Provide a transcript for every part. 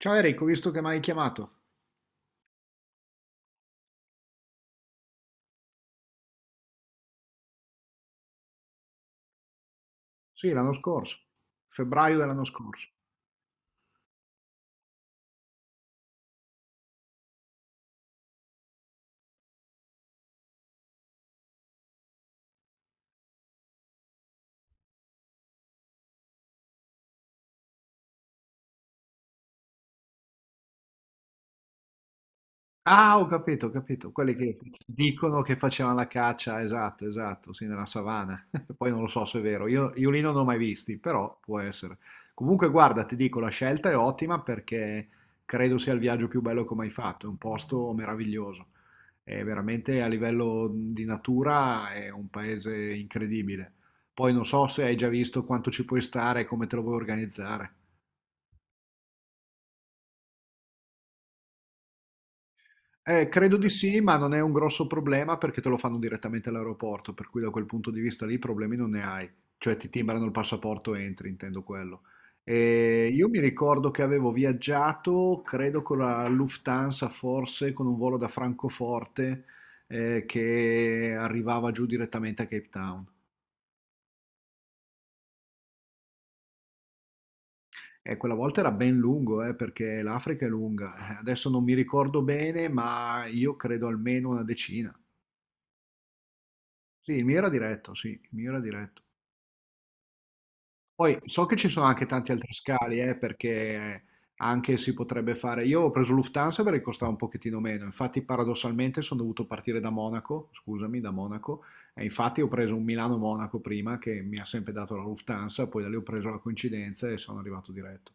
Ciao Eric, ho visto che mi hai chiamato. Sì, l'anno scorso, febbraio dell'anno scorso. Ah, ho capito, ho capito. Quelli che dicono che facevano la caccia, esatto, esatto, sì, nella savana. Poi non lo so se è vero, io lì non ho mai visti, però può essere. Comunque, guarda, ti dico, la scelta è ottima perché credo sia il viaggio più bello che ho mai fatto. È un posto meraviglioso. È veramente a livello di natura è un paese incredibile. Poi non so se hai già visto quanto ci puoi stare e come te lo vuoi organizzare. Credo di sì, ma non è un grosso problema perché te lo fanno direttamente all'aeroporto, per cui da quel punto di vista lì problemi non ne hai, cioè ti timbrano il passaporto e entri, intendo quello. E io mi ricordo che avevo viaggiato, credo con la Lufthansa, forse con un volo da Francoforte, che arrivava giù direttamente a Cape Town. E quella volta era ben lungo, perché l'Africa è lunga. Adesso non mi ricordo bene, ma io credo almeno una decina. Sì, il mio era diretto, sì, il mio era diretto. Poi so che ci sono anche tanti altri scali, perché anche si potrebbe fare. Io ho preso Lufthansa perché costava un pochettino meno. Infatti, paradossalmente, sono dovuto partire da Monaco, scusami, da Monaco. E infatti ho preso un Milano-Monaco prima che mi ha sempre dato la Lufthansa, poi da lì ho preso la coincidenza e sono arrivato diretto.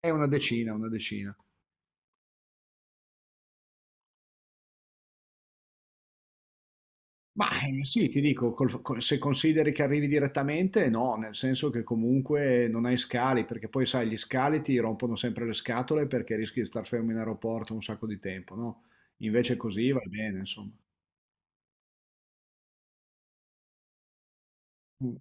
È una decina, una decina. Ma sì, ti dico, se consideri che arrivi direttamente, no, nel senso che comunque non hai scali, perché poi sai, gli scali ti rompono sempre le scatole perché rischi di star fermo in aeroporto un sacco di tempo, no? Invece così va bene, insomma. Mm.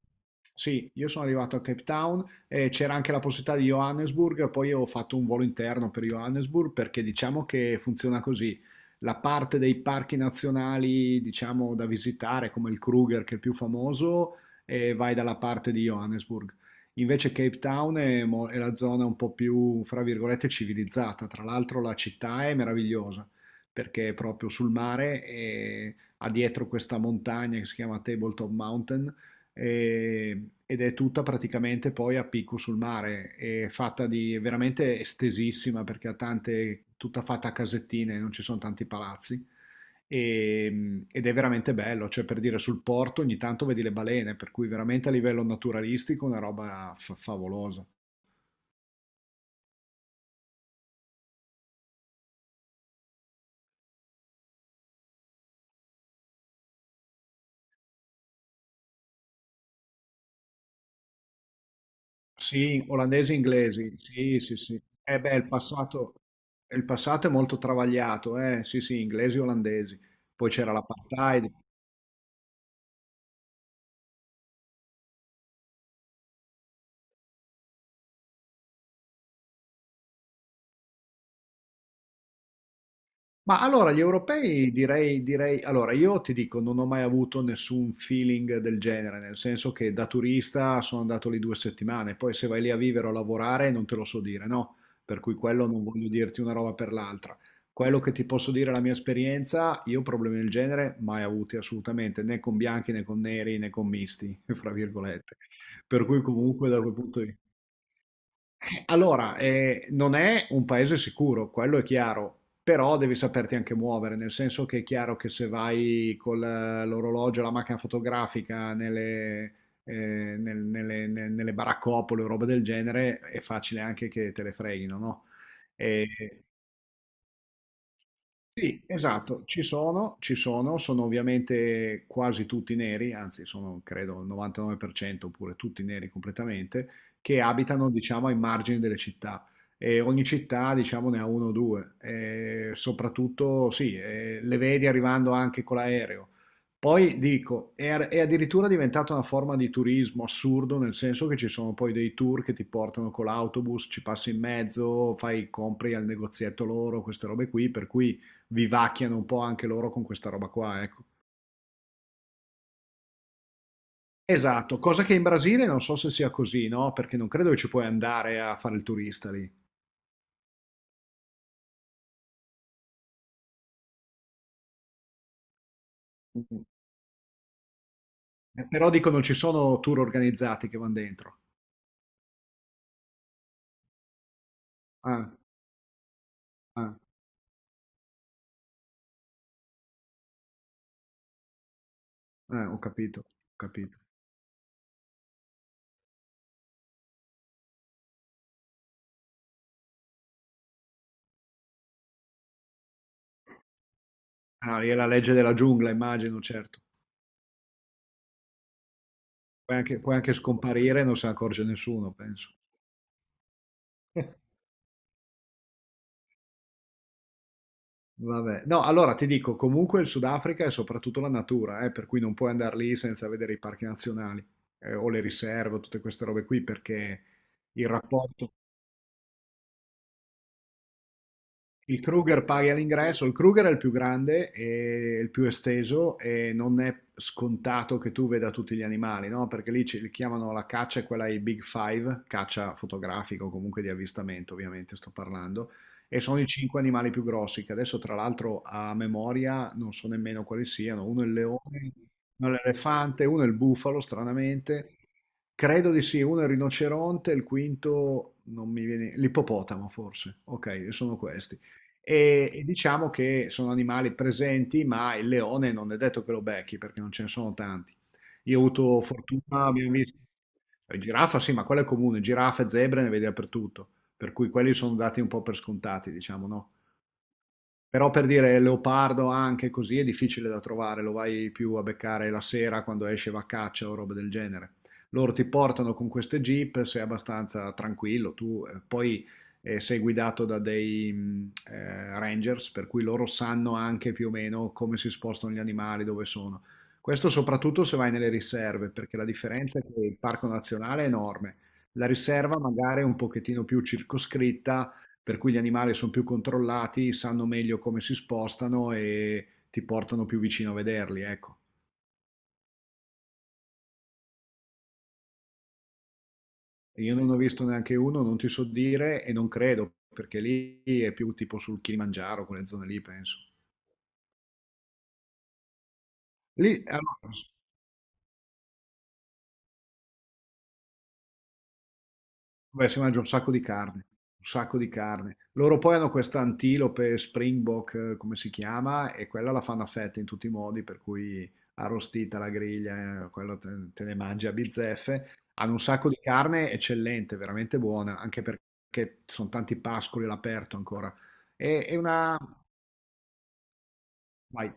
Sì, io sono arrivato a Cape Town e c'era anche la possibilità di Johannesburg, poi ho fatto un volo interno per Johannesburg perché diciamo che funziona così. La parte dei parchi nazionali, diciamo, da visitare, come il Kruger che è il più famoso, e vai dalla parte di Johannesburg. Invece Cape Town è, è la zona un po' più, fra virgolette, civilizzata. Tra l'altro la città è meravigliosa perché è proprio sul mare e ha dietro questa montagna che si chiama Tabletop Mountain, ed è tutta praticamente poi a picco sul mare, è fatta di è veramente estesissima perché ha tante, tutta fatta a casettine, non ci sono tanti palazzi. Ed è veramente bello, cioè per dire sul porto ogni tanto vedi le balene, per cui veramente a livello naturalistico una roba favolosa. Sì, olandesi e inglesi, sì, sì, sì. Eh beh, il passato è molto travagliato, eh? Sì, sì, inglesi e olandesi. Poi c'era l'apartheid. Ma allora gli europei direi, allora io ti dico, non ho mai avuto nessun feeling del genere, nel senso che da turista sono andato lì due settimane, poi se vai lì a vivere o a lavorare non te lo so dire, no? Per cui quello non voglio dirti una roba per l'altra. Quello che ti posso dire è la mia esperienza, io problemi del genere mai avuti assolutamente, né con bianchi né con neri né con misti, fra virgolette. Per cui comunque, da quel punto di Allora, non è un paese sicuro, quello è chiaro, però devi saperti anche muovere, nel senso che è chiaro che se vai con l'orologio, la macchina fotografica nelle, eh, nel- nelle, ne- nelle baraccopole o roba del genere, è facile anche che te le freghino, no? E- sì, esatto, ci sono, sono ovviamente quasi tutti neri, anzi sono credo il 99% oppure tutti neri completamente, che abitano diciamo ai margini delle città e ogni città diciamo ne ha uno o due e soprattutto sì, le vedi arrivando anche con l'aereo. Poi dico, è addirittura diventata una forma di turismo assurdo, nel senso che ci sono poi dei tour che ti portano con l'autobus, ci passi in mezzo, fai compri al negozietto loro, queste robe qui, per cui vivacchiano un po' anche loro con questa roba qua, ecco. Esatto, cosa che in Brasile non so se sia così, no? Perché non credo che ci puoi andare a fare il turista lì. Però dico non ci sono tour organizzati che vanno dentro. Ah, ah, ho capito, ho capito. Ah, lì è la legge della giungla, immagino, certo. Puoi anche scomparire e non se ne accorge nessuno, penso. Vabbè, no, allora ti dico, comunque il Sudafrica è soprattutto la natura, per cui non puoi andare lì senza vedere i parchi nazionali, o le riserve, o tutte queste robe qui, perché il rapporto. Il Kruger paga l'ingresso, il Kruger è il più grande e il più esteso e non è scontato che tu veda tutti gli animali, no? Perché lì ci li chiamano la caccia, è quella ai Big Five, caccia fotografica o comunque di avvistamento, ovviamente sto parlando, e sono i cinque animali più grossi, che adesso tra l'altro a memoria non so nemmeno quali siano, uno è il leone, uno è l'elefante, uno è il bufalo, stranamente, credo di sì, uno è il rinoceronte, il quinto non mi viene, l'ippopotamo forse. Ok, sono questi. E diciamo che sono animali presenti, ma il leone non è detto che lo becchi perché non ce ne sono tanti. Io ho avuto fortuna, abbiamo visto. Giraffa, sì, ma quella è comune, giraffe, zebre ne vedi dappertutto, per cui quelli sono dati un po' per scontati, diciamo, no? Però per dire leopardo anche così è difficile da trovare, lo vai più a beccare la sera quando esce va a caccia o roba del genere. Loro ti portano con queste jeep, sei abbastanza tranquillo, tu poi sei guidato da dei rangers, per cui loro sanno anche più o meno come si spostano gli animali, dove sono. Questo soprattutto se vai nelle riserve, perché la differenza è che il parco nazionale è enorme. La riserva magari è un pochettino più circoscritta, per cui gli animali sono più controllati, sanno meglio come si spostano e ti portano più vicino a vederli, ecco. Io non ho visto neanche uno, non ti so dire e non credo, perché lì è più tipo sul Kilimangiaro, quelle zone lì, penso. Lì, allora, beh, si mangia un sacco di carne, un sacco di carne. Loro poi hanno questa antilope Springbok, come si chiama, e quella la fanno a fette in tutti i modi, per cui arrostita alla griglia, quello te, te ne mangi a bizzeffe. Hanno un sacco di carne eccellente, veramente buona, anche perché sono tanti pascoli all'aperto ancora. E una. Vai.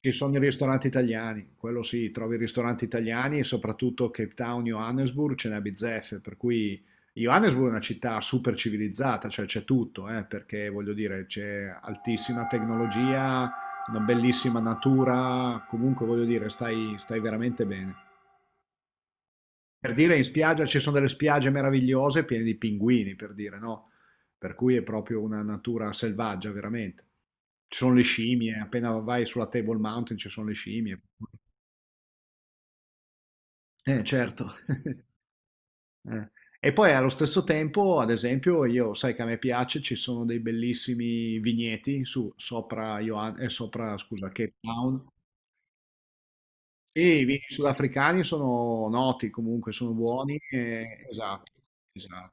Ci sono i ristoranti italiani, quello sì, trovi i ristoranti italiani e soprattutto Cape Town, Johannesburg ce n'è a bizzeffe, per cui Johannesburg è una città super civilizzata, cioè c'è tutto, perché voglio dire c'è altissima tecnologia, una bellissima natura, comunque voglio dire stai veramente bene. Per dire in spiaggia ci sono delle spiagge meravigliose piene di pinguini, per dire, no? Per cui è proprio una natura selvaggia, veramente. Ci sono le scimmie, appena vai sulla Table Mountain ci sono le scimmie. Certo. Eh. E poi allo stesso tempo, ad esempio, io sai che a me piace, ci sono dei bellissimi vigneti su, sopra, scusa, Cape Town. Sì, i vini sudafricani sono noti comunque, sono buoni. Esatto, esatto.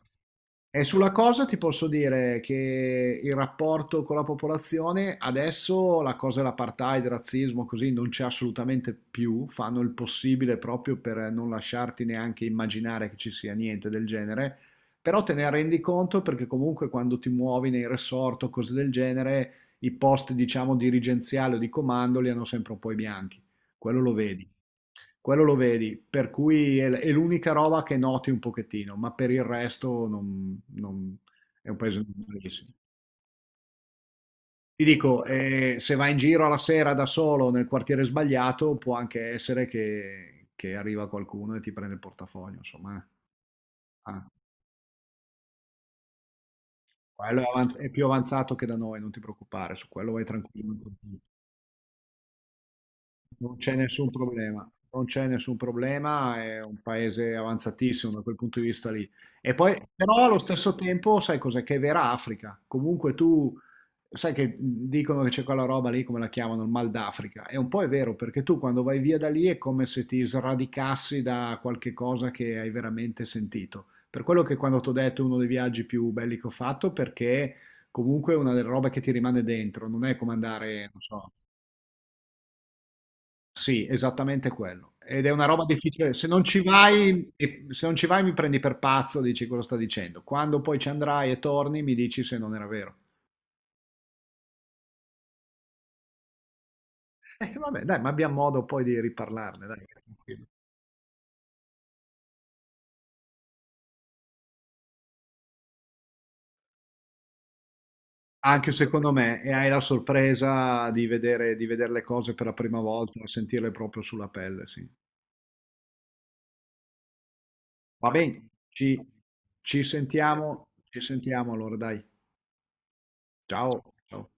E sulla cosa ti posso dire che il rapporto con la popolazione, adesso la cosa dell'apartheid, il razzismo, così non c'è assolutamente più, fanno il possibile proprio per non lasciarti neanche immaginare che ci sia niente del genere, però te ne rendi conto perché comunque quando ti muovi nei resort o cose del genere, i posti diciamo dirigenziali o di comando li hanno sempre un po' i bianchi, quello lo vedi. Quello lo vedi, per cui è l'unica roba che noti un pochettino, ma per il resto è un paese normalissimo. Ti dico, se vai in giro alla sera da solo nel quartiere sbagliato, può anche essere che arriva qualcuno e ti prende il portafoglio, insomma. Ah, quello è più avanzato che da noi, non ti preoccupare, su quello vai tranquillo. Non c'è nessun problema, non c'è nessun problema, è un paese avanzatissimo da quel punto di vista lì. E poi, però allo stesso tempo, sai cos'è? Che è vera Africa. Comunque tu sai che dicono che c'è quella roba lì, come la chiamano, il mal d'Africa. E un po' è vero, perché tu quando vai via da lì è come se ti sradicassi da qualche cosa che hai veramente sentito. Per quello che quando ti ho detto è uno dei viaggi più belli che ho fatto, perché comunque è una delle robe che ti rimane dentro, non è come andare, non so. Sì, esattamente quello. Ed è una roba difficile. Se non ci vai, se non ci vai mi prendi per pazzo, dici cosa sta dicendo. Quando poi ci andrai e torni, mi dici se non era vero. Vabbè, dai, ma abbiamo modo poi di riparlarne, dai. Tranquillo. Anche secondo me, e hai la sorpresa di vedere, le cose per la prima volta, sentirle proprio sulla pelle, sì. Va bene, ci sentiamo allora, dai. Ciao. Ciao.